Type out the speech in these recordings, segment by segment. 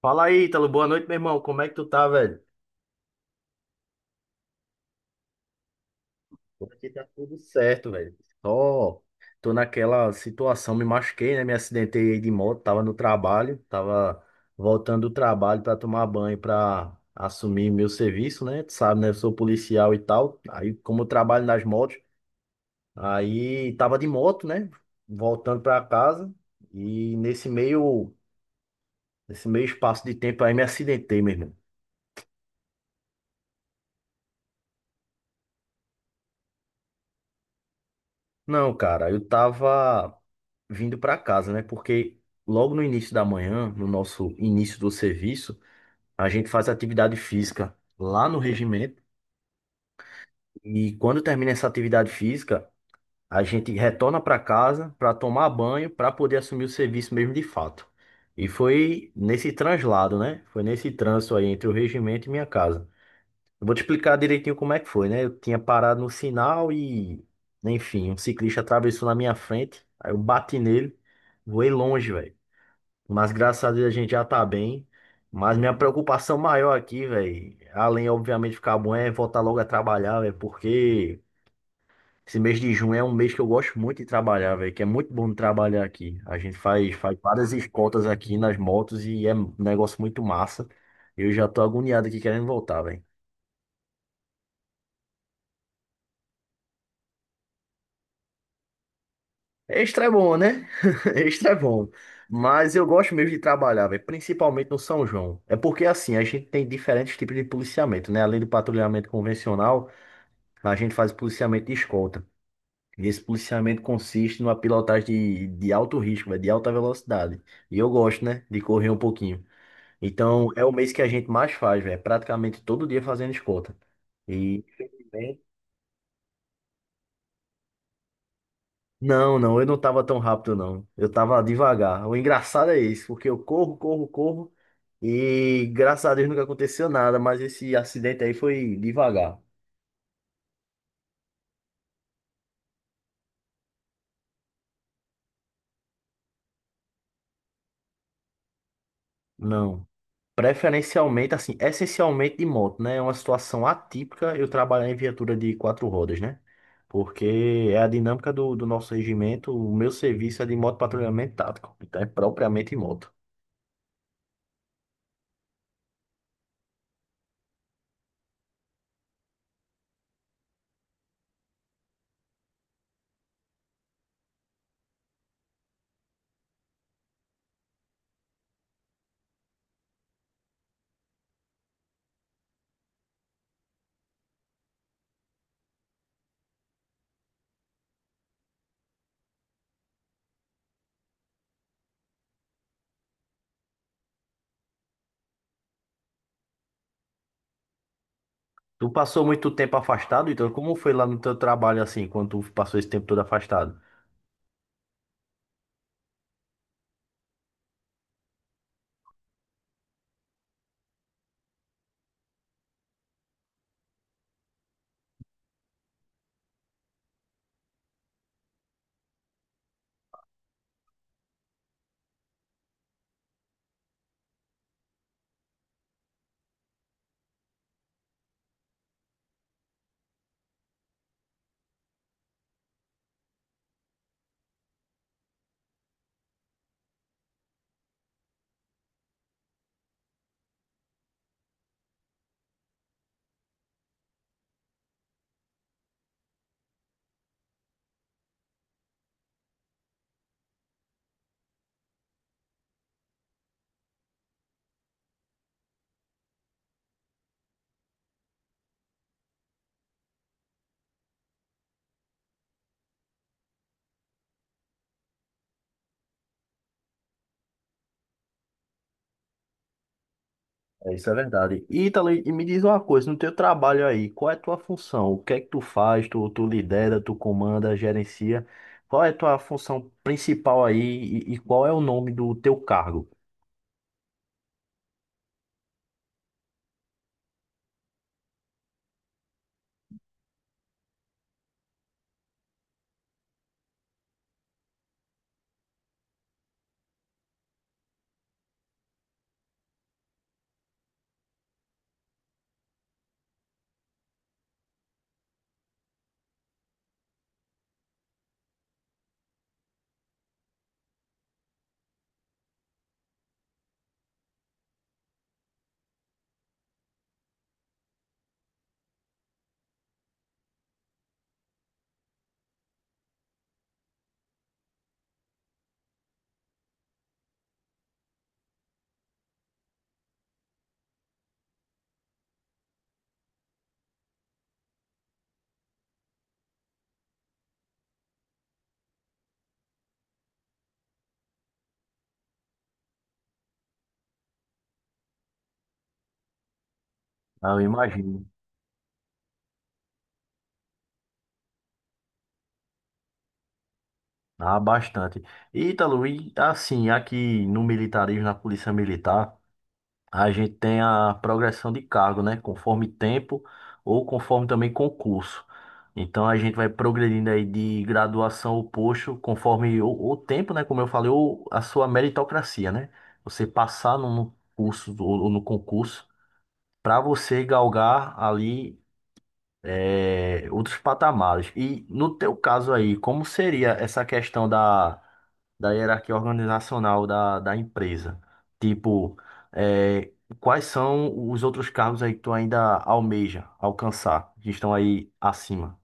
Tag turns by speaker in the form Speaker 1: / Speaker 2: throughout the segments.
Speaker 1: Fala aí, Ítalo. Boa noite, meu irmão. Como é que tu tá, velho? Por aqui tá tudo certo, velho. Só tô naquela situação, me machuquei, né? Me acidentei aí de moto, tava no trabalho, tava voltando do trabalho pra tomar banho, pra assumir meu serviço, né? Tu sabe, né? Eu sou policial e tal. Aí, como eu trabalho nas motos, aí tava de moto, né? Voltando pra casa e nesse meio espaço de tempo aí me acidentei, mesmo. Não, cara, eu tava vindo pra casa, né? Porque logo no início da manhã, no nosso início do serviço, a gente faz atividade física lá no regimento. E quando termina essa atividade física, a gente retorna pra casa pra tomar banho, pra poder assumir o serviço mesmo de fato. E foi nesse translado, né? Foi nesse trânsito aí entre o regimento e minha casa. Eu Vou te explicar direitinho como é que foi, né? Eu tinha parado no sinal e, enfim, um ciclista atravessou na minha frente. Aí eu bati nele, voei longe, velho. Mas graças a Deus a gente já tá bem. Mas minha preocupação maior aqui, velho, além obviamente de ficar bom, é voltar logo a trabalhar, velho, porque esse mês de junho é um mês que eu gosto muito de trabalhar, velho, que é muito bom de trabalhar aqui. A gente faz várias escoltas aqui nas motos e é um negócio muito massa. Eu já tô agoniado aqui querendo voltar, velho. Extra é bom, né? Extra é bom. Mas eu gosto mesmo de trabalhar, velho, principalmente no São João. É porque assim, a gente tem diferentes tipos de policiamento, né? Além do patrulhamento convencional, a gente faz policiamento de escolta. E esse policiamento consiste numa pilotagem de alto risco, véio, de alta velocidade. E eu gosto, né? De correr um pouquinho. Então, é o mês que a gente mais faz, velho. Praticamente todo dia fazendo escolta. E, infelizmente, não, não, eu não tava tão rápido, não. Eu tava devagar. O engraçado é isso, porque eu corro, corro, corro e graças a Deus nunca aconteceu nada, mas esse acidente aí foi devagar. Não. Preferencialmente, assim, essencialmente de moto, né? É uma situação atípica eu trabalhar em viatura de quatro rodas, né? Porque é a dinâmica do nosso regimento, o meu serviço é de moto patrulhamento tático, então é propriamente moto. Tu passou muito tempo afastado, então como foi lá no teu trabalho assim, quando tu passou esse tempo todo afastado? É, isso é verdade. E, Ítalo, e me diz uma coisa, no teu trabalho aí, qual é a tua função? O que é que tu faz? Tu lidera, tu comanda, gerencia? Qual é a tua função principal aí e qual é o nome do teu cargo? Ah, eu imagino. Ah, bastante. E, Ítalo, e assim, aqui no militarismo, na Polícia Militar, a gente tem a progressão de cargo, né? Conforme tempo ou conforme também concurso. Então a gente vai progredindo aí de graduação ou posto conforme o tempo, né? Como eu falei, ou a sua meritocracia, né? Você passar no curso ou no concurso para você galgar ali, é, outros patamares. E no teu caso aí, como seria essa questão da hierarquia organizacional da empresa? Tipo, é, quais são os outros cargos aí que tu ainda almeja alcançar, que estão aí acima?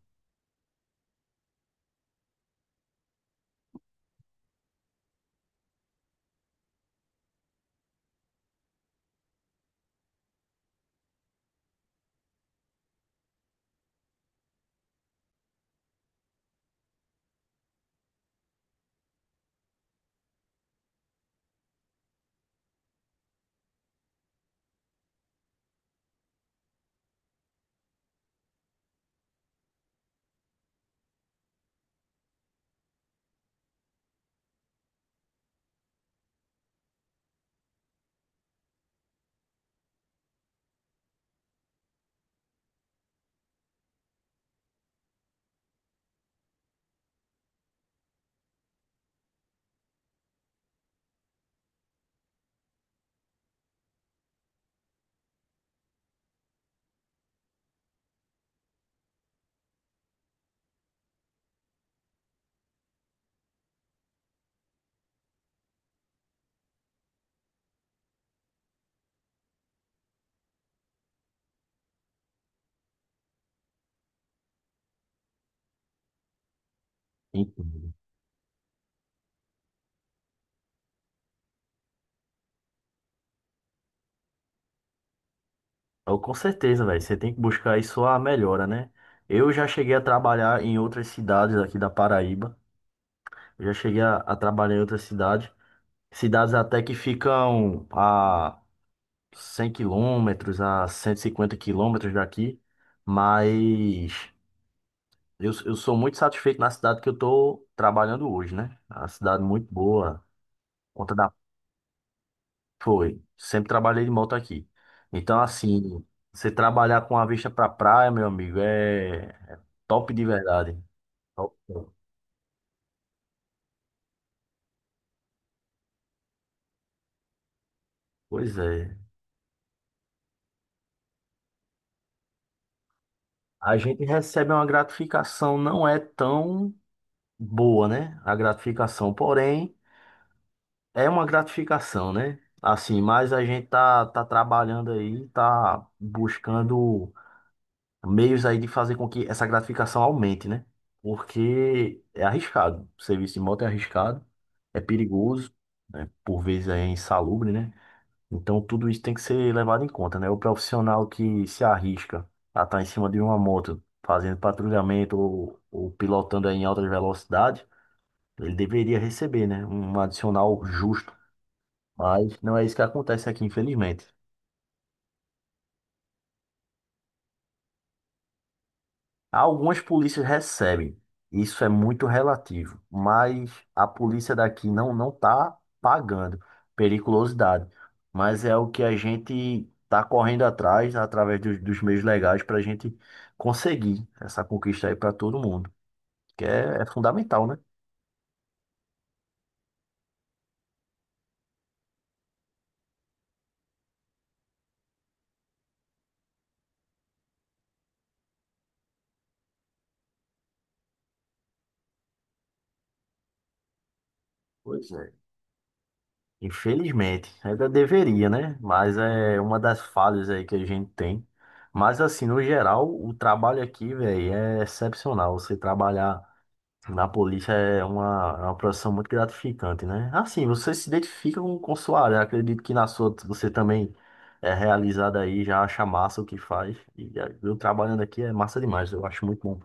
Speaker 1: Entendo. Eu, com certeza, velho. Você tem que buscar aí sua melhora, né? Eu já cheguei a trabalhar em outras cidades aqui da Paraíba. Eu já cheguei a trabalhar em outras cidades. Cidades até que ficam a 100 km a 150 km daqui, mas eu sou muito satisfeito na cidade que eu estou trabalhando hoje, né? A cidade muito boa, conta da... Foi, sempre trabalhei de moto aqui. Então, assim, você trabalhar com a vista pra praia, meu amigo, é top de verdade. Top. Pois é. A gente recebe uma gratificação, não é tão boa, né? A gratificação, porém... É uma gratificação, né? Assim, mas a gente tá trabalhando aí, tá buscando meios aí de fazer com que essa gratificação aumente, né? Porque é arriscado. O serviço de moto é arriscado, é perigoso, né? Por vezes é insalubre, né? Então tudo isso tem que ser levado em conta, né? O profissional que se arrisca a estar em cima de uma moto fazendo patrulhamento ou pilotando aí em alta velocidade, ele deveria receber, né? Um adicional justo, mas não é isso que acontece aqui, infelizmente. Algumas polícias recebem, isso é muito relativo, mas a polícia daqui não tá pagando periculosidade, mas é o que a gente tá correndo atrás através dos meios legais para a gente conseguir essa conquista aí para todo mundo, que é fundamental, né? Pois é. Infelizmente, ainda deveria, né? Mas é uma das falhas aí que a gente tem. Mas assim, no geral, o trabalho aqui, velho, é excepcional. Você trabalhar na polícia é uma profissão muito gratificante, né? Assim, você se identifica com sua área. Acredito que na sua você também é realizado aí, já acha massa o que faz. E é, eu trabalhando aqui é massa demais. Eu acho muito bom.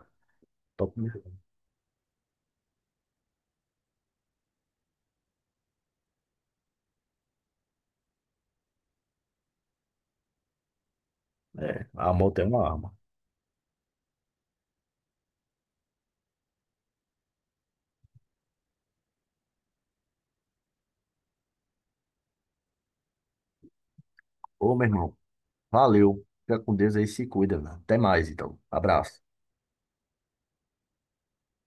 Speaker 1: Top mesmo. É, a moto é uma arma. Ô, meu irmão, valeu. Fica com Deus aí, se cuida, né? Até mais, então. Abraço.